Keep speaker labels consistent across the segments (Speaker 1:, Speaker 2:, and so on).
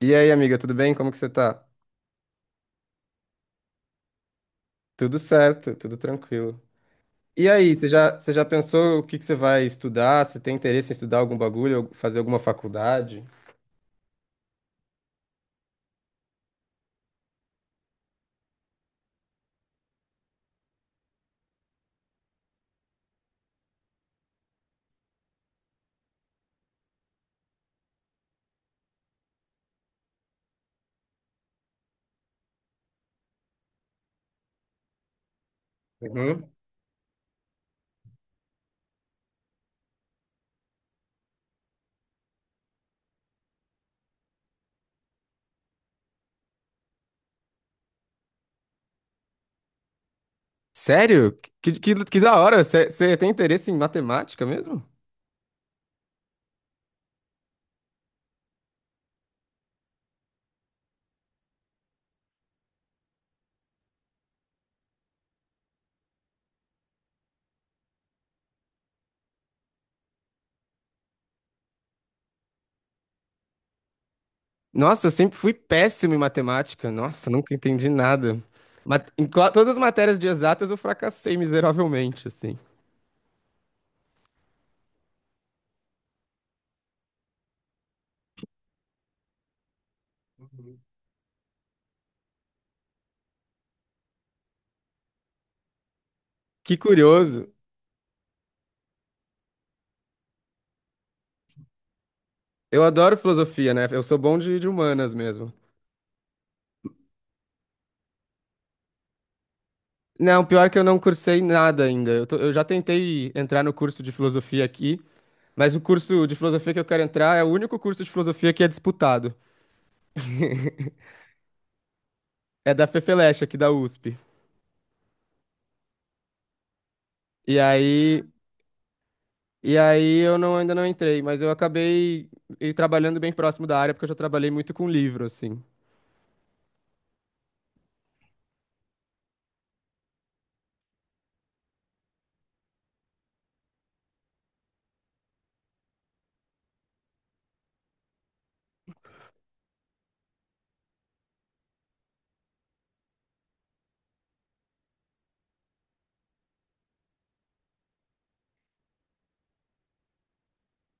Speaker 1: E aí, amiga, tudo bem? Como que você tá? Tudo certo, tudo tranquilo. E aí, você já pensou o que que você vai estudar? Você tem interesse em estudar algum bagulho, fazer alguma faculdade? Uhum. Sério? Que da hora! Você tem interesse em matemática mesmo? Nossa, eu sempre fui péssimo em matemática. Nossa, nunca entendi nada. Todas as matérias de exatas eu fracassei miseravelmente, assim. Que curioso. Eu adoro filosofia, né? Eu sou bom de humanas mesmo. Não, pior que eu não cursei nada ainda. Eu já tentei entrar no curso de filosofia aqui, mas o curso de filosofia que eu quero entrar é o único curso de filosofia que é disputado. É da Fefeleche, aqui da USP. E aí, e aí, eu não, ainda não entrei, mas eu acabei trabalhando bem próximo da área, porque eu já trabalhei muito com livro, assim.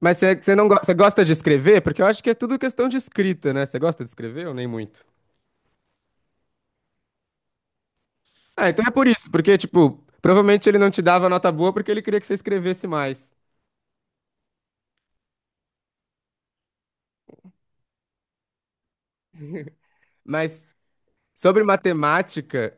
Speaker 1: Mas você não você gosta de escrever? Porque eu acho que é tudo questão de escrita, né? Você gosta de escrever ou nem muito? Ah, então é por isso, porque, tipo, provavelmente ele não te dava nota boa porque ele queria que você escrevesse mais. Mas. Sobre matemática,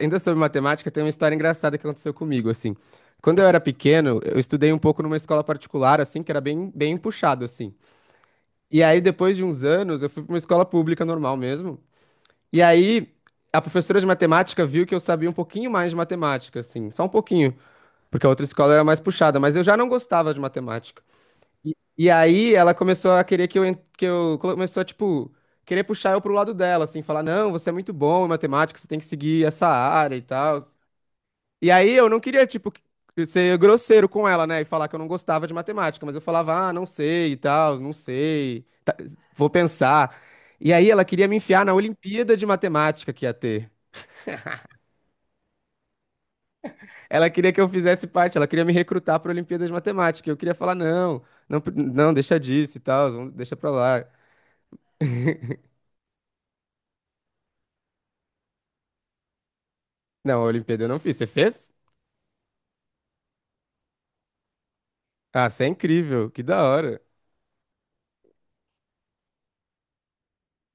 Speaker 1: ainda sobre matemática, tem uma história engraçada que aconteceu comigo, assim. Quando eu era pequeno, eu estudei um pouco numa escola particular, assim, que era bem, bem puxado, assim. E aí, depois de uns anos, eu fui para uma escola pública normal mesmo. E aí, a professora de matemática viu que eu sabia um pouquinho mais de matemática, assim, só um pouquinho, porque a outra escola era mais puxada, mas eu já não gostava de matemática. E aí ela começou a querer que eu, começou a, tipo, querer puxar eu pro lado dela, assim, falar, não, você é muito bom em matemática, você tem que seguir essa área e tal. E aí eu não queria, tipo, ser grosseiro com ela, né? E falar que eu não gostava de matemática, mas eu falava, ah, não sei e tal, não sei, vou pensar. E aí ela queria me enfiar na Olimpíada de Matemática que ia ter. Ela queria que eu fizesse parte, ela queria me recrutar para a Olimpíada de Matemática. Eu queria falar, não, não, não, deixa disso e tal, vamos deixa pra lá. Não, a Olimpíada eu não fiz. Você fez? Ah, você é incrível. Que da hora.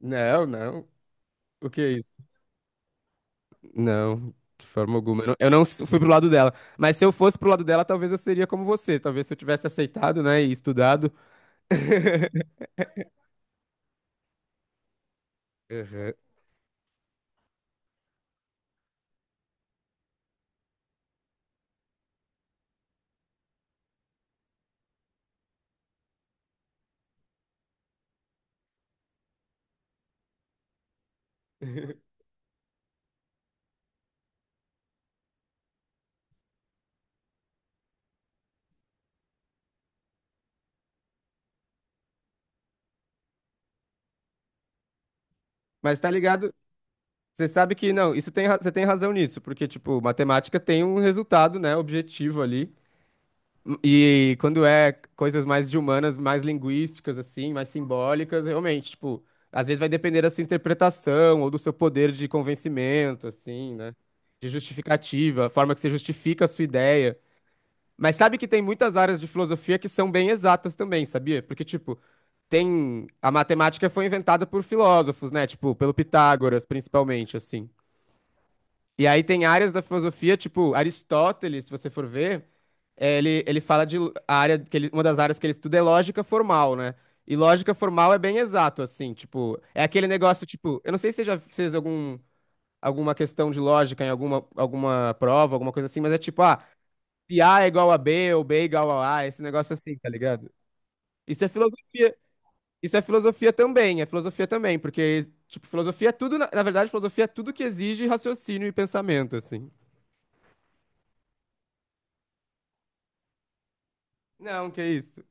Speaker 1: Não, não. O que é isso? Não, de forma alguma. Eu não fui pro lado dela. Mas se eu fosse pro lado dela, talvez eu seria como você. Talvez se eu tivesse aceitado, né, e estudado. Uhum. Mas tá ligado? Você sabe que não, isso tem, você tem razão nisso, porque, tipo, matemática tem um resultado, né, objetivo ali. E quando é coisas mais de humanas, mais linguísticas, assim, mais simbólicas, realmente, tipo, às vezes vai depender da sua interpretação ou do seu poder de convencimento, assim, né? De justificativa, a forma que você justifica a sua ideia. Mas sabe que tem muitas áreas de filosofia que são bem exatas também, sabia? Porque, tipo, tem. A matemática foi inventada por filósofos, né? Tipo, pelo Pitágoras, principalmente, assim. E aí tem áreas da filosofia, tipo Aristóteles, se você for ver, é, ele fala de a área que ele, uma das áreas que ele estuda é lógica formal, né? E lógica formal é bem exato, assim, tipo, é aquele negócio, tipo, eu não sei se você já fez algum, alguma questão de lógica em alguma, alguma prova, alguma coisa assim, mas é tipo, ah, se A é igual a B ou B é igual a A, esse negócio assim, tá ligado? Isso é filosofia, isso é filosofia também, porque, tipo, filosofia é tudo, na verdade, filosofia é tudo que exige raciocínio e pensamento, assim. Não, que isso.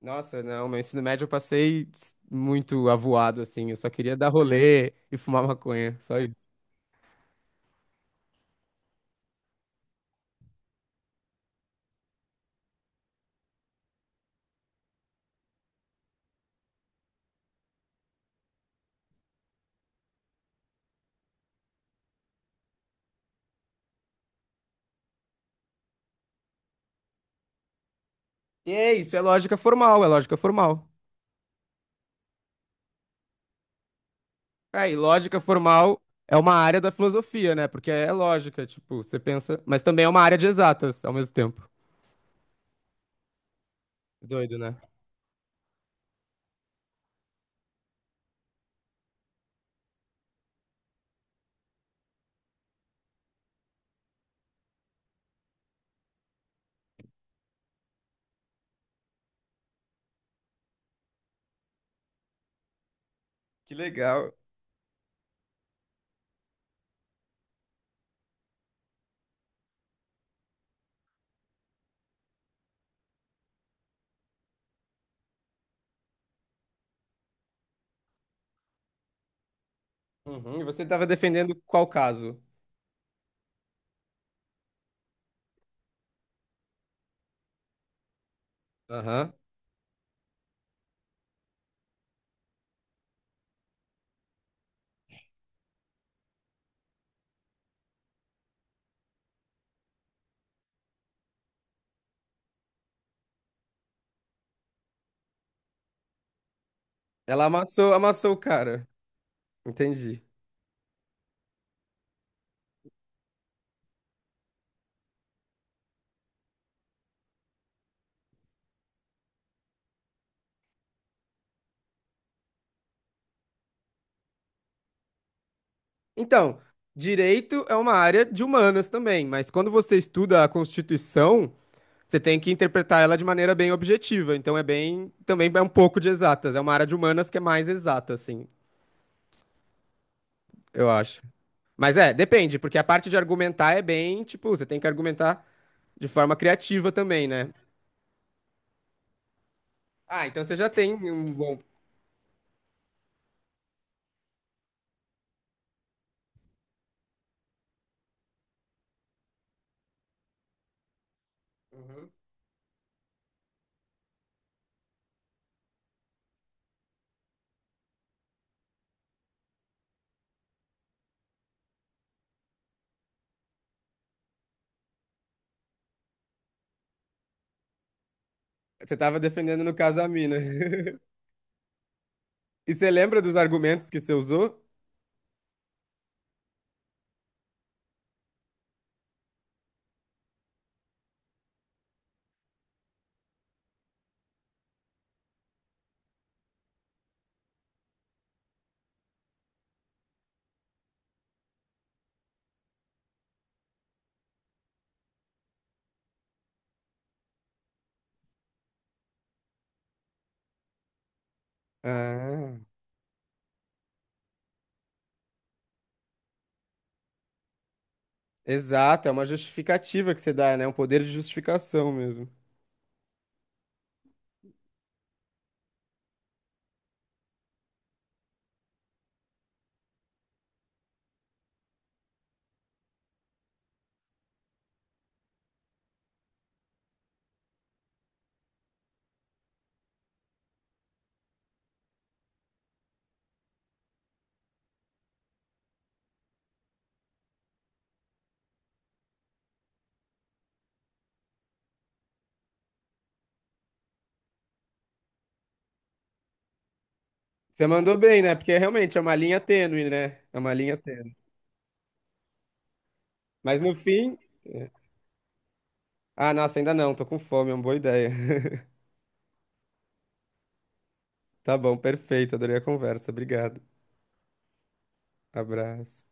Speaker 1: Nossa, não, meu ensino médio eu passei muito avoado, assim. Eu só queria dar rolê e fumar maconha, só isso. E é isso, é lógica formal, é lógica formal. É, e lógica formal é uma área da filosofia, né? Porque é lógica, tipo, você pensa. Mas também é uma área de exatas ao mesmo tempo. Doido, né? Que legal. Uhum, e você tava defendendo qual caso? Aham. Ela amassou, amassou o cara. Entendi. Então, direito é uma área de humanas também, mas quando você estuda a Constituição, você tem que interpretar ela de maneira bem objetiva. Então é bem, também é um pouco de exatas. É uma área de humanas que é mais exata, assim, eu acho. Mas é, depende, porque a parte de argumentar é bem, tipo, você tem que argumentar de forma criativa também, né? Ah, então você já tem um bom. Você estava defendendo no caso a mina. E você lembra dos argumentos que você usou? Ah. Exato, é uma justificativa que você dá, né? Um poder de justificação mesmo. Você mandou bem, né? Porque realmente é uma linha tênue, né? É uma linha tênue. Mas no fim. É. Ah, nossa, ainda não, tô com fome, é uma boa ideia. Tá bom, perfeito, adorei a conversa, obrigado. Abraço.